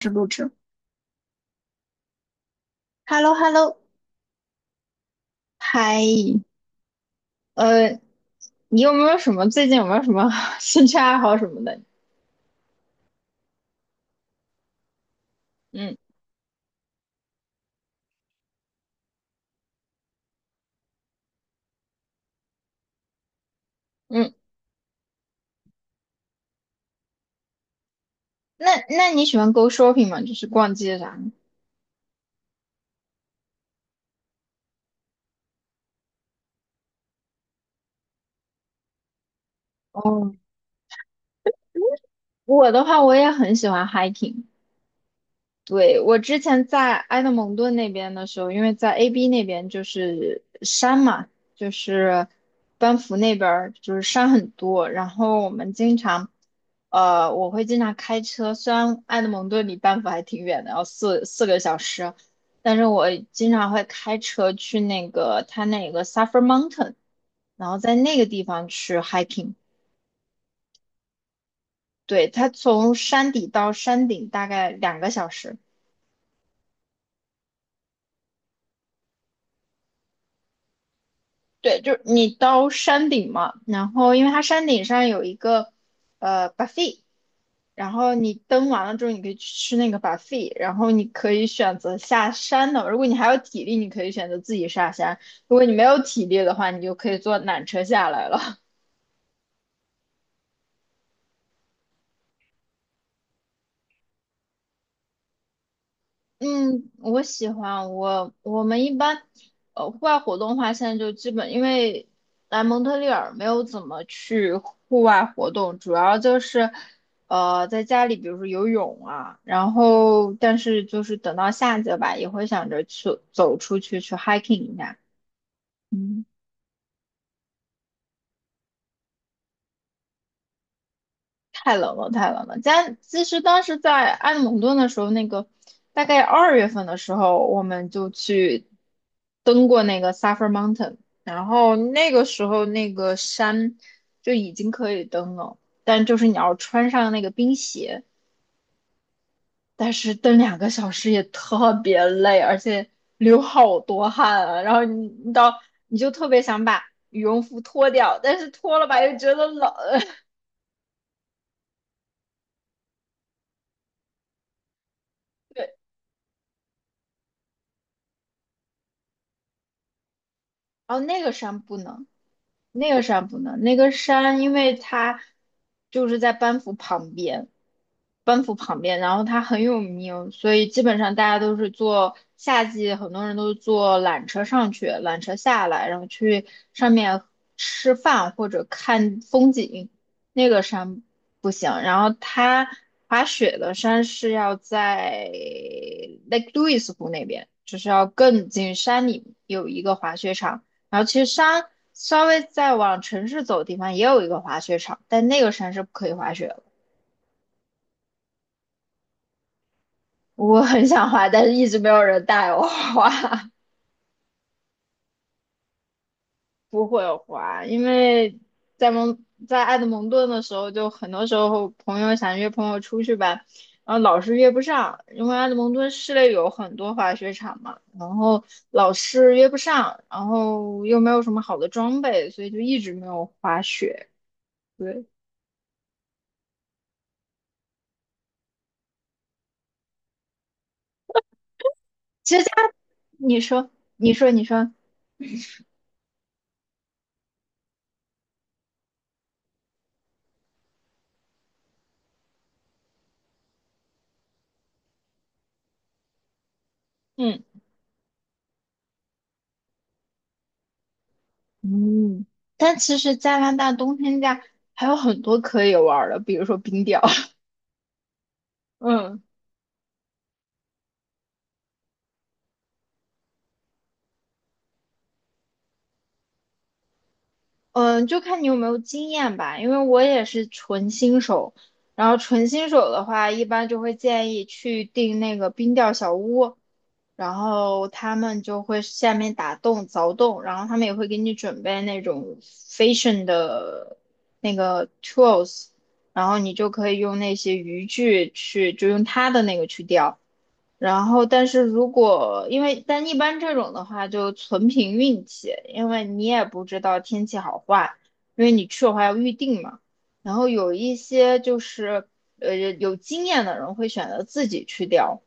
是录制。h e l l o h e l l o 嗨，呃，你有没有什么最近有没有什么 兴趣爱好什么的？嗯嗯，那你喜欢 go shopping 吗？就是逛街啥的。哦，我的话，我也很喜欢 hiking。对，我之前在埃德蒙顿那边的时候，因为在 AB 那边就是山嘛，就是班夫那边儿就是山很多，然后我会经常开车，虽然埃德蒙顿离班夫还挺远的，要4个小时，但是我经常会开车去那个它那个 Suffer Mountain,然后在那个地方去 hiking。对，它从山底到山顶大概两个小时。对，就是你到山顶嘛，然后因为它山顶上有一个buffet,然后你登完了之后，你可以去吃那个 buffet,然后你可以选择下山的。如果你还有体力，你可以选择自己下山；如果你没有体力的话，你就可以坐缆车下来了。嗯，我喜欢我我们一般，户外活动的话，现在就基本因为来蒙特利尔没有怎么去户外活动，主要就是在家里，比如说游泳啊，然后但是就是等到夏季吧，也会想着去走出去去 hiking 一下。嗯。太冷了，太冷了。家其实当时在埃德蒙顿的时候，那个大概2月份的时候，我们就去登过那个 Suffer Mountain,然后那个时候那个山就已经可以登了，但就是你要穿上那个冰鞋，但是登两个小时也特别累，而且流好多汗啊。然后你就特别想把羽绒服脱掉，但是脱了吧又觉得冷。对，然后那个山不能。那个山不能，那个山因为它就是在班夫旁边，班夫旁边，然后它很有名，所以基本上大家都是坐夏季，很多人都是坐缆车上去，缆车下来，然后去上面吃饭或者看风景。那个山不行，然后它滑雪的山是要在 Lake Louise 湖那边，就是要更进山里有一个滑雪场。然后其实山稍微再往城市走的地方也有一个滑雪场，但那个山是不可以滑雪的。我很想滑，但是一直没有人带我滑。不会滑，因为在埃德蒙顿的时候，就很多时候朋友想约朋友出去吧，然后老是约不上，因为埃德蒙顿市内有很多滑雪场嘛，然后老是约不上，然后又没有什么好的装备，所以就一直没有滑雪。对。其实他，你说，你说，你说。嗯嗯，但其实加拿大冬天家还有很多可以玩儿的，比如说冰钓。嗯嗯，就看你有没有经验吧。因为我也是纯新手，然后纯新手的话，一般就会建议去订那个冰钓小屋，然后他们就会下面打洞凿洞，然后他们也会给你准备那种 fishing 的那个 tools,然后你就可以用那些渔具去，就用他的那个去钓。然后，但是如果因为但一般这种的话，就纯凭运气，因为你也不知道天气好坏，因为你去的话要预定嘛。然后有一些就是有经验的人会选择自己去钓。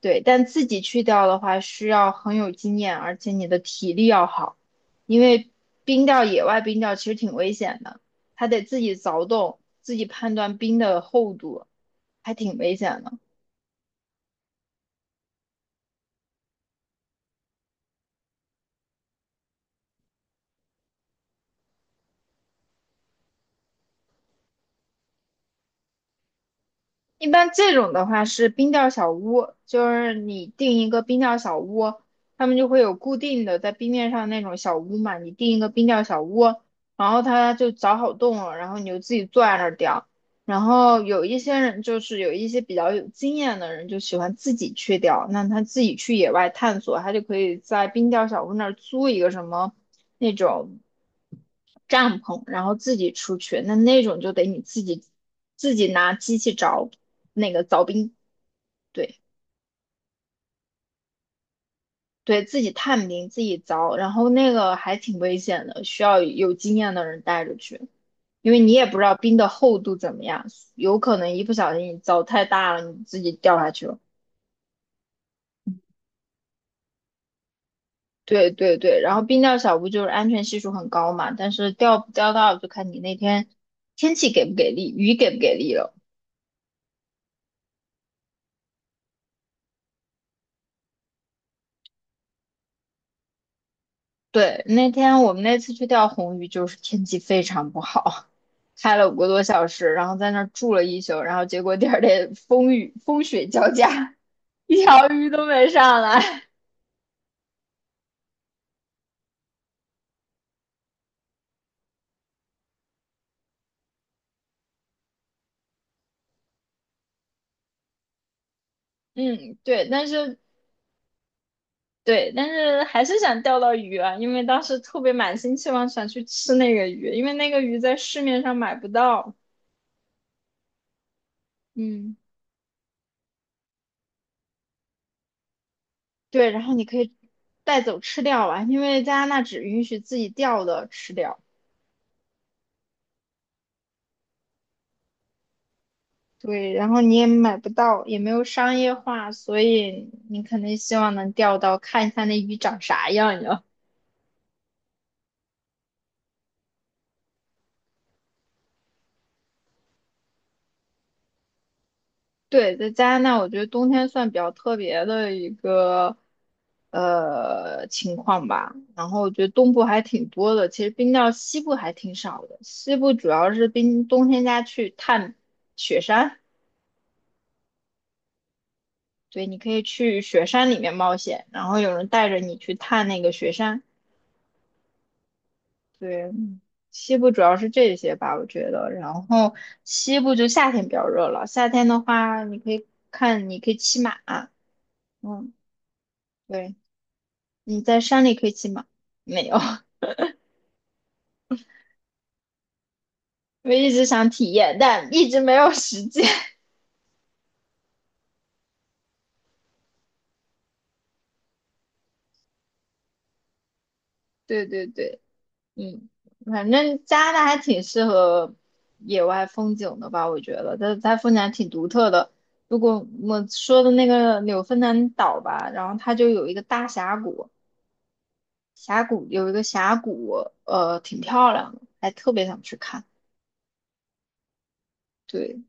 对，但自己去钓的话需要很有经验，而且你的体力要好，因为冰钓野外冰钓其实挺危险的，还得自己凿洞，自己判断冰的厚度，还挺危险的。一般这种的话是冰钓小屋，就是你订一个冰钓小屋，他们就会有固定的在冰面上那种小屋嘛，你订一个冰钓小屋，然后他就凿好洞了，然后你就自己坐在那儿钓。然后有一些人就是有一些比较有经验的人就喜欢自己去钓，那他自己去野外探索，他就可以在冰钓小屋那儿租一个什么那种。帐篷，然后自己出去，那种就得你自己拿机器凿那个凿冰。对对，自己探冰，自己凿，然后那个还挺危险的，需要有经验的人带着去，因为你也不知道冰的厚度怎么样，有可能一不小心你凿太大了，你自己掉下去了。对对对，然后冰钓小屋就是安全系数很高嘛，但是钓不钓到就看你那天天气给不给力，雨给不给力了。对，那天我们那次去钓红鱼，就是天气非常不好，开了5个多小时，然后在那儿住了一宿，然后结果第二天风雨风雪交加，一条鱼都没上来。嗯，对，但是还是想钓到鱼啊，因为当时特别满心期望想去吃那个鱼，因为那个鱼在市面上买不到。嗯，对，然后你可以带走吃掉啊，因为加拿大只允许自己钓的吃掉。对，然后你也买不到，也没有商业化，所以你肯定希望能钓到，看一下那鱼长啥样呀。对，在加拿大，我觉得冬天算比较特别的一个情况吧。然后我觉得东部还挺多的，其实冰到西部还挺少的。西部主要是冰冬天家去探雪山。对，你可以去雪山里面冒险，然后有人带着你去探那个雪山。对，西部主要是这些吧，我觉得。然后西部就夏天比较热了，夏天的话，你可以看，你可以骑马。嗯，对，你在山里可以骑马。没有。我一直想体验，但一直没有时间。对对对。嗯，反正加拿大还挺适合野外风景的吧，我觉得它风景还挺独特的。如果我说的那个纽芬兰岛吧，然后它就有一个大峡谷。峡谷有一个峡谷，挺漂亮的，还特别想去看。对。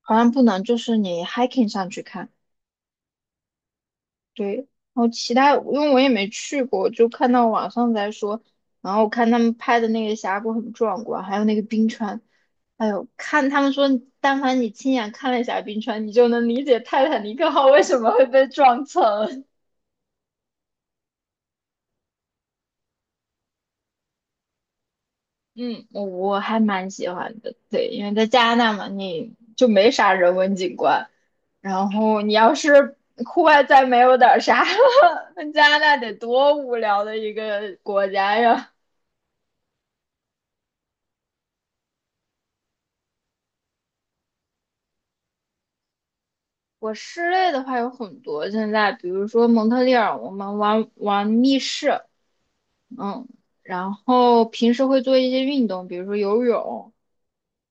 好像不能，就是你 hiking 上去看。对，然后其他，因为我也没去过，就看到网上在说，然后看他们拍的那个峡谷很壮观，还有那个冰川。哎呦，看他们说，但凡你亲眼看了一下冰川，你就能理解泰坦尼克号为什么会被撞沉。我还蛮喜欢的。对，因为在加拿大嘛，你就没啥人文景观。然后你要是户外再没有点啥，那加拿大得多无聊的一个国家呀！我室内的话有很多，现在比如说蒙特利尔，我们玩玩密室。嗯，然后平时会做一些运动，比如说游泳，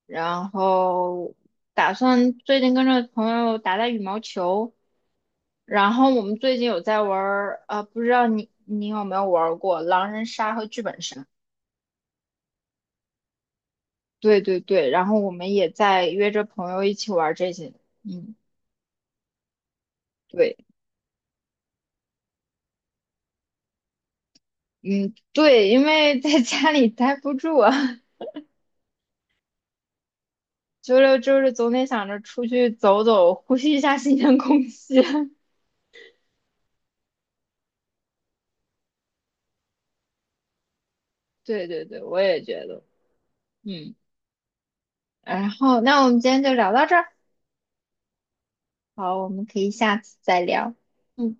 然后打算最近跟着朋友打打羽毛球，然后我们最近有在玩儿，不知道你有没有玩过狼人杀和剧本杀？对对对，然后我们也在约着朋友一起玩这些。嗯，对，嗯，对，因为在家里待不住啊。周六周日总得想着出去走走，呼吸一下新鲜空气。对对对，我也觉得。嗯，然后那我们今天就聊到这儿。好，我们可以下次再聊。嗯。